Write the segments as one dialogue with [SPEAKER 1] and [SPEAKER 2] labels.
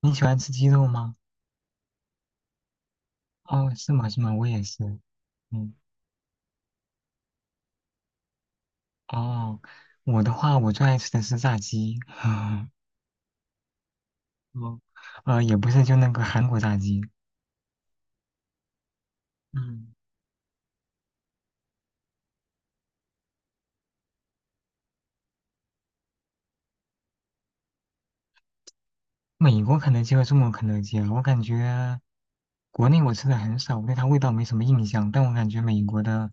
[SPEAKER 1] 你喜欢吃鸡肉吗？哦，是吗？是吗？我也是。嗯，哦，我的话，我最爱吃的是炸鸡。哦，也不是，就那个韩国炸鸡。嗯，美国肯德基和中国肯德基啊，我感觉国内我吃的很少，我对它味道没什么印象。但我感觉美国的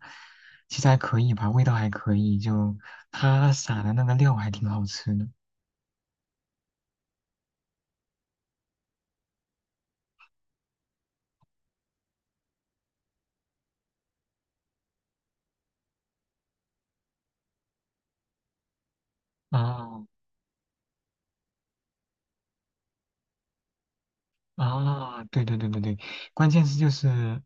[SPEAKER 1] 其实还可以吧，味道还可以，就它撒的那个料还挺好吃的。哦。啊，对对对对对，关键是就是，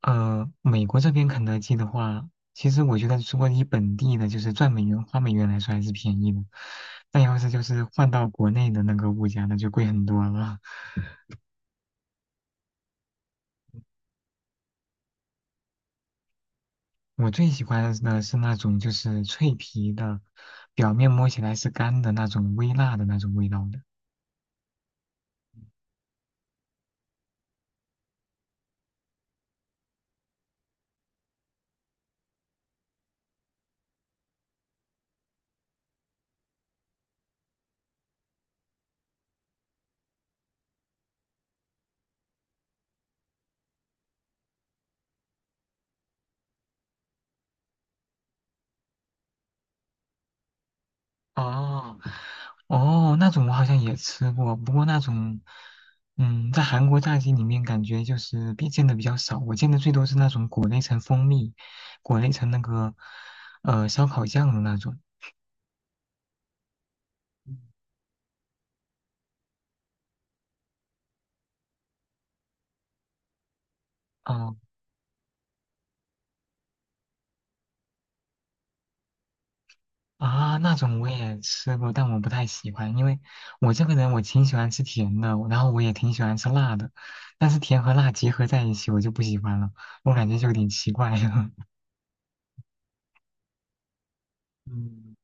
[SPEAKER 1] 美国这边肯德基的话，其实我觉得如果你本地的，就是赚美元花美元来说还是便宜的，但要是就是换到国内的那个物价，那就贵很多了。我最喜欢的是那种就是脆皮的，表面摸起来是干的那种微辣的那种味道的。哦，哦，那种我好像也吃过，不过那种，嗯，在韩国炸鸡里面感觉就是比见的比较少，我见的最多是那种裹了一层蜂蜜，裹了一层那个烧烤酱的那种。哦啊，那种我也吃过，但我不太喜欢，因为我这个人我挺喜欢吃甜的，然后我也挺喜欢吃辣的，但是甜和辣结合在一起我就不喜欢了，我感觉就有点奇怪了。嗯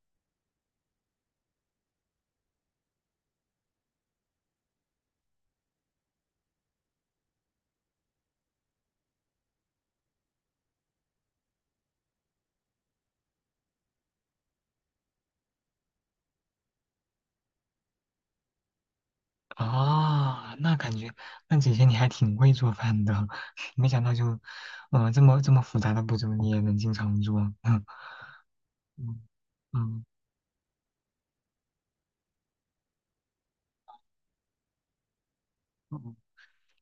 [SPEAKER 1] 啊，那感觉，那姐姐你还挺会做饭的，没想到就，嗯、这么复杂的步骤你也能经常做，嗯嗯嗯。嗯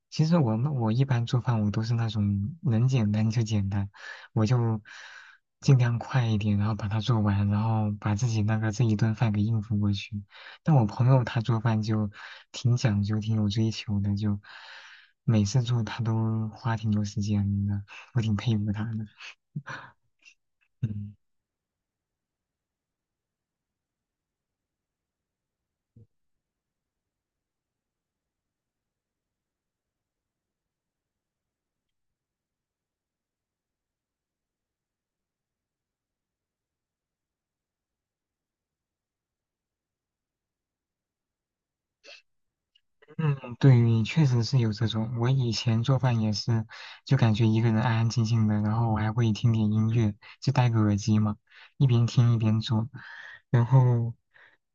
[SPEAKER 1] 其实我一般做饭我都是那种能简单就简单，我就尽量快一点，然后把它做完，然后把自己那个这一顿饭给应付过去。但我朋友他做饭就挺讲究、挺有追求的，就每次做他都花挺多时间的，我挺佩服他的。嗯。嗯，对，确实是有这种。我以前做饭也是，就感觉一个人安安静静的，然后我还会听点音乐，就戴个耳机嘛，一边听一边做。然后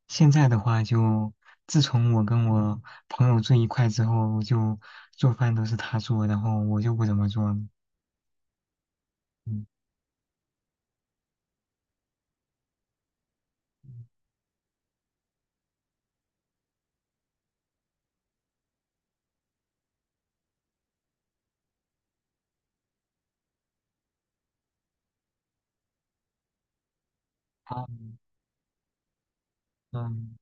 [SPEAKER 1] 现在的话就，自从我跟我朋友住一块之后，就做饭都是他做，然后我就不怎么做了。嗯，啊，嗯，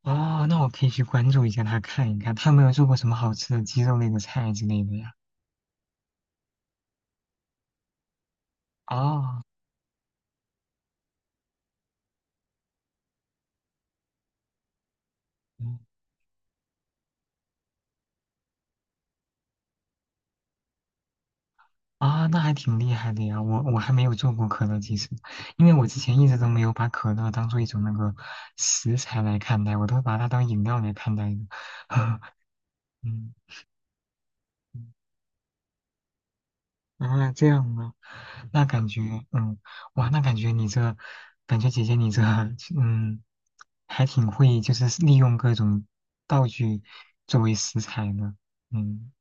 [SPEAKER 1] 哦，那我可以去关注一下他，看一看他有没有做过什么好吃的鸡肉类的菜之类的呀。哦。嗯啊，那还挺厉害的呀！我还没有做过可乐，鸡翅，因为我之前一直都没有把可乐当做一种那个食材来看待，我都把它当饮料来看待的。嗯，嗯啊，这样啊，那感觉，嗯，哇，那感觉你这，感觉姐姐你这，嗯，还挺会，就是利用各种道具作为食材呢。嗯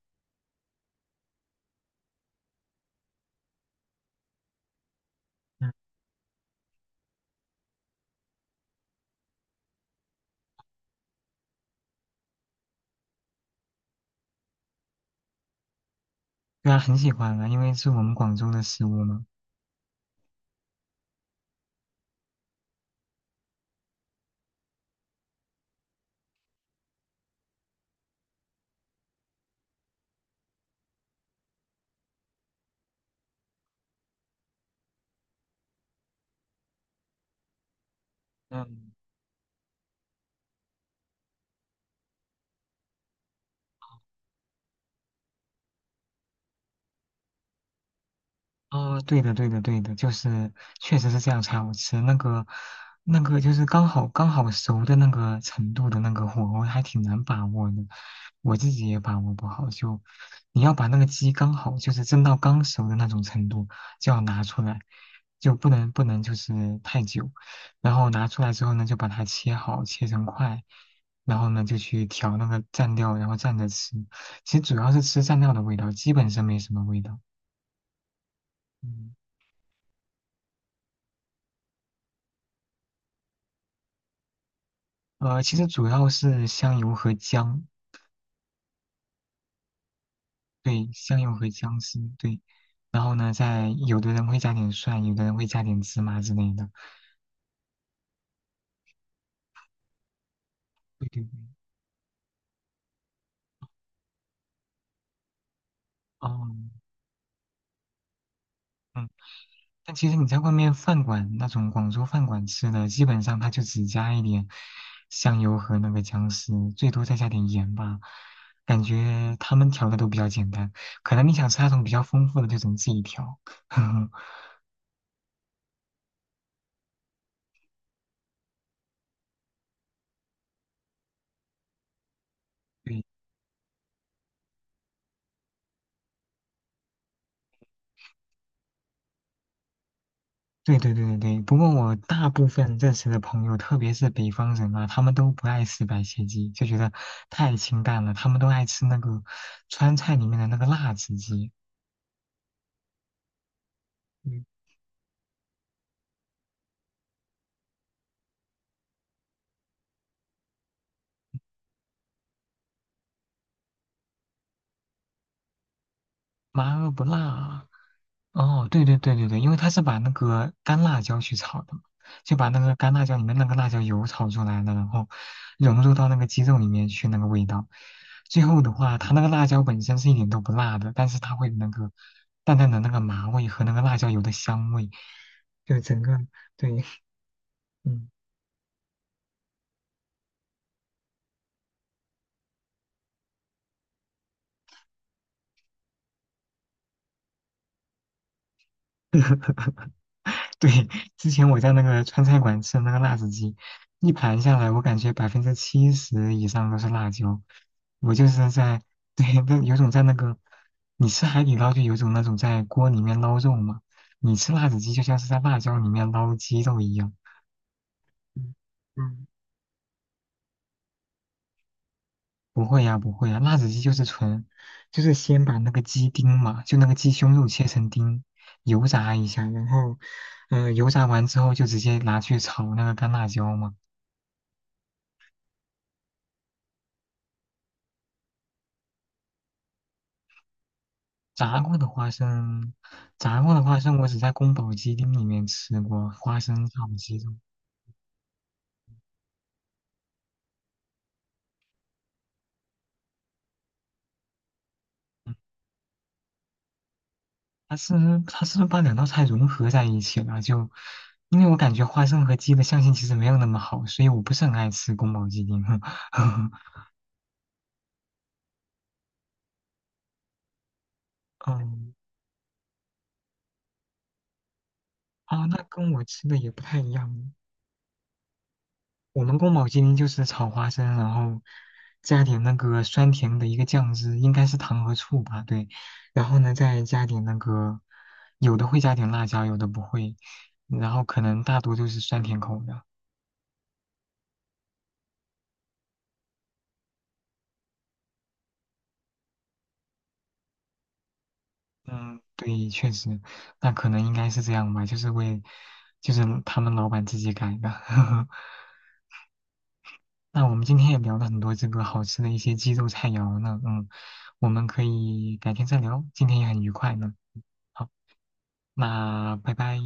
[SPEAKER 1] 嗯，对啊，很喜欢啊，因为是我们广州的食物嘛。嗯。啊，对的，对的，对的，就是确实是这样才好吃。那个，那个就是刚好熟的那个程度的那个火候，还挺难把握的。我自己也把握不好，就你要把那个鸡刚好就是蒸到刚熟的那种程度，就要拿出来，就不能就是太久。然后拿出来之后呢，就把它切好，切成块，然后呢就去调那个蘸料，然后蘸着吃。其实主要是吃蘸料的味道，基本上没什么味道。嗯。其实主要是香油和姜，对，香油和姜丝，对。然后呢，再有的人会加点蒜，有的人会加点芝麻之类的。对对对。哦，嗯。但其实你在外面饭馆那种广州饭馆吃的，基本上它就只加一点香油和那个姜丝，最多再加点盐吧。感觉他们调的都比较简单，可能你想吃那种比较丰富的，就只能自己调。对，对对对对对，不过我大部分认识的朋友，特别是北方人啊，他们都不爱吃白切鸡，就觉得太清淡了。他们都爱吃那个川菜里面的那个辣子鸡，嗯麻而不辣啊。哦，对对对对对，因为它是把那个干辣椒去炒的嘛，就把那个干辣椒里面那个辣椒油炒出来了，然后融入到那个鸡肉里面去那个味道。最后的话，它那个辣椒本身是一点都不辣的，但是它会有那个淡淡的那个麻味和那个辣椒油的香味，就整个对，嗯。对，之前我在那个川菜馆吃的那个辣子鸡，一盘下来，我感觉70%以上都是辣椒。我就是在，对，那有种在那个，你吃海底捞就有种那种在锅里面捞肉嘛，你吃辣子鸡就像是在辣椒里面捞鸡肉一样。嗯嗯不会呀，不会呀，辣子鸡就是纯，就是先把那个鸡丁嘛，就那个鸡胸肉切成丁，油炸一下，然后，嗯、油炸完之后就直接拿去炒那个干辣椒嘛。炸过的花生，炸过的花生我只在宫保鸡丁里面吃过，花生炒鸡丁。嗯它是它是不是把两道菜融合在一起了？就因为我感觉花生和鸡的相性其实没有那么好，所以我不是很爱吃宫保鸡丁。嗯，啊，那跟我吃的也不太一样。我们宫保鸡丁就是炒花生，然后加点那个酸甜的一个酱汁，应该是糖和醋吧？对，然后呢再加点那个，有的会加点辣椒，有的不会，然后可能大多都是酸甜口的。嗯，对，确实，那可能应该是这样吧，就是为，就是他们老板自己改的。那我们今天也聊了很多这个好吃的一些鸡肉菜肴呢，嗯，我们可以改天再聊，今天也很愉快呢。好那拜拜。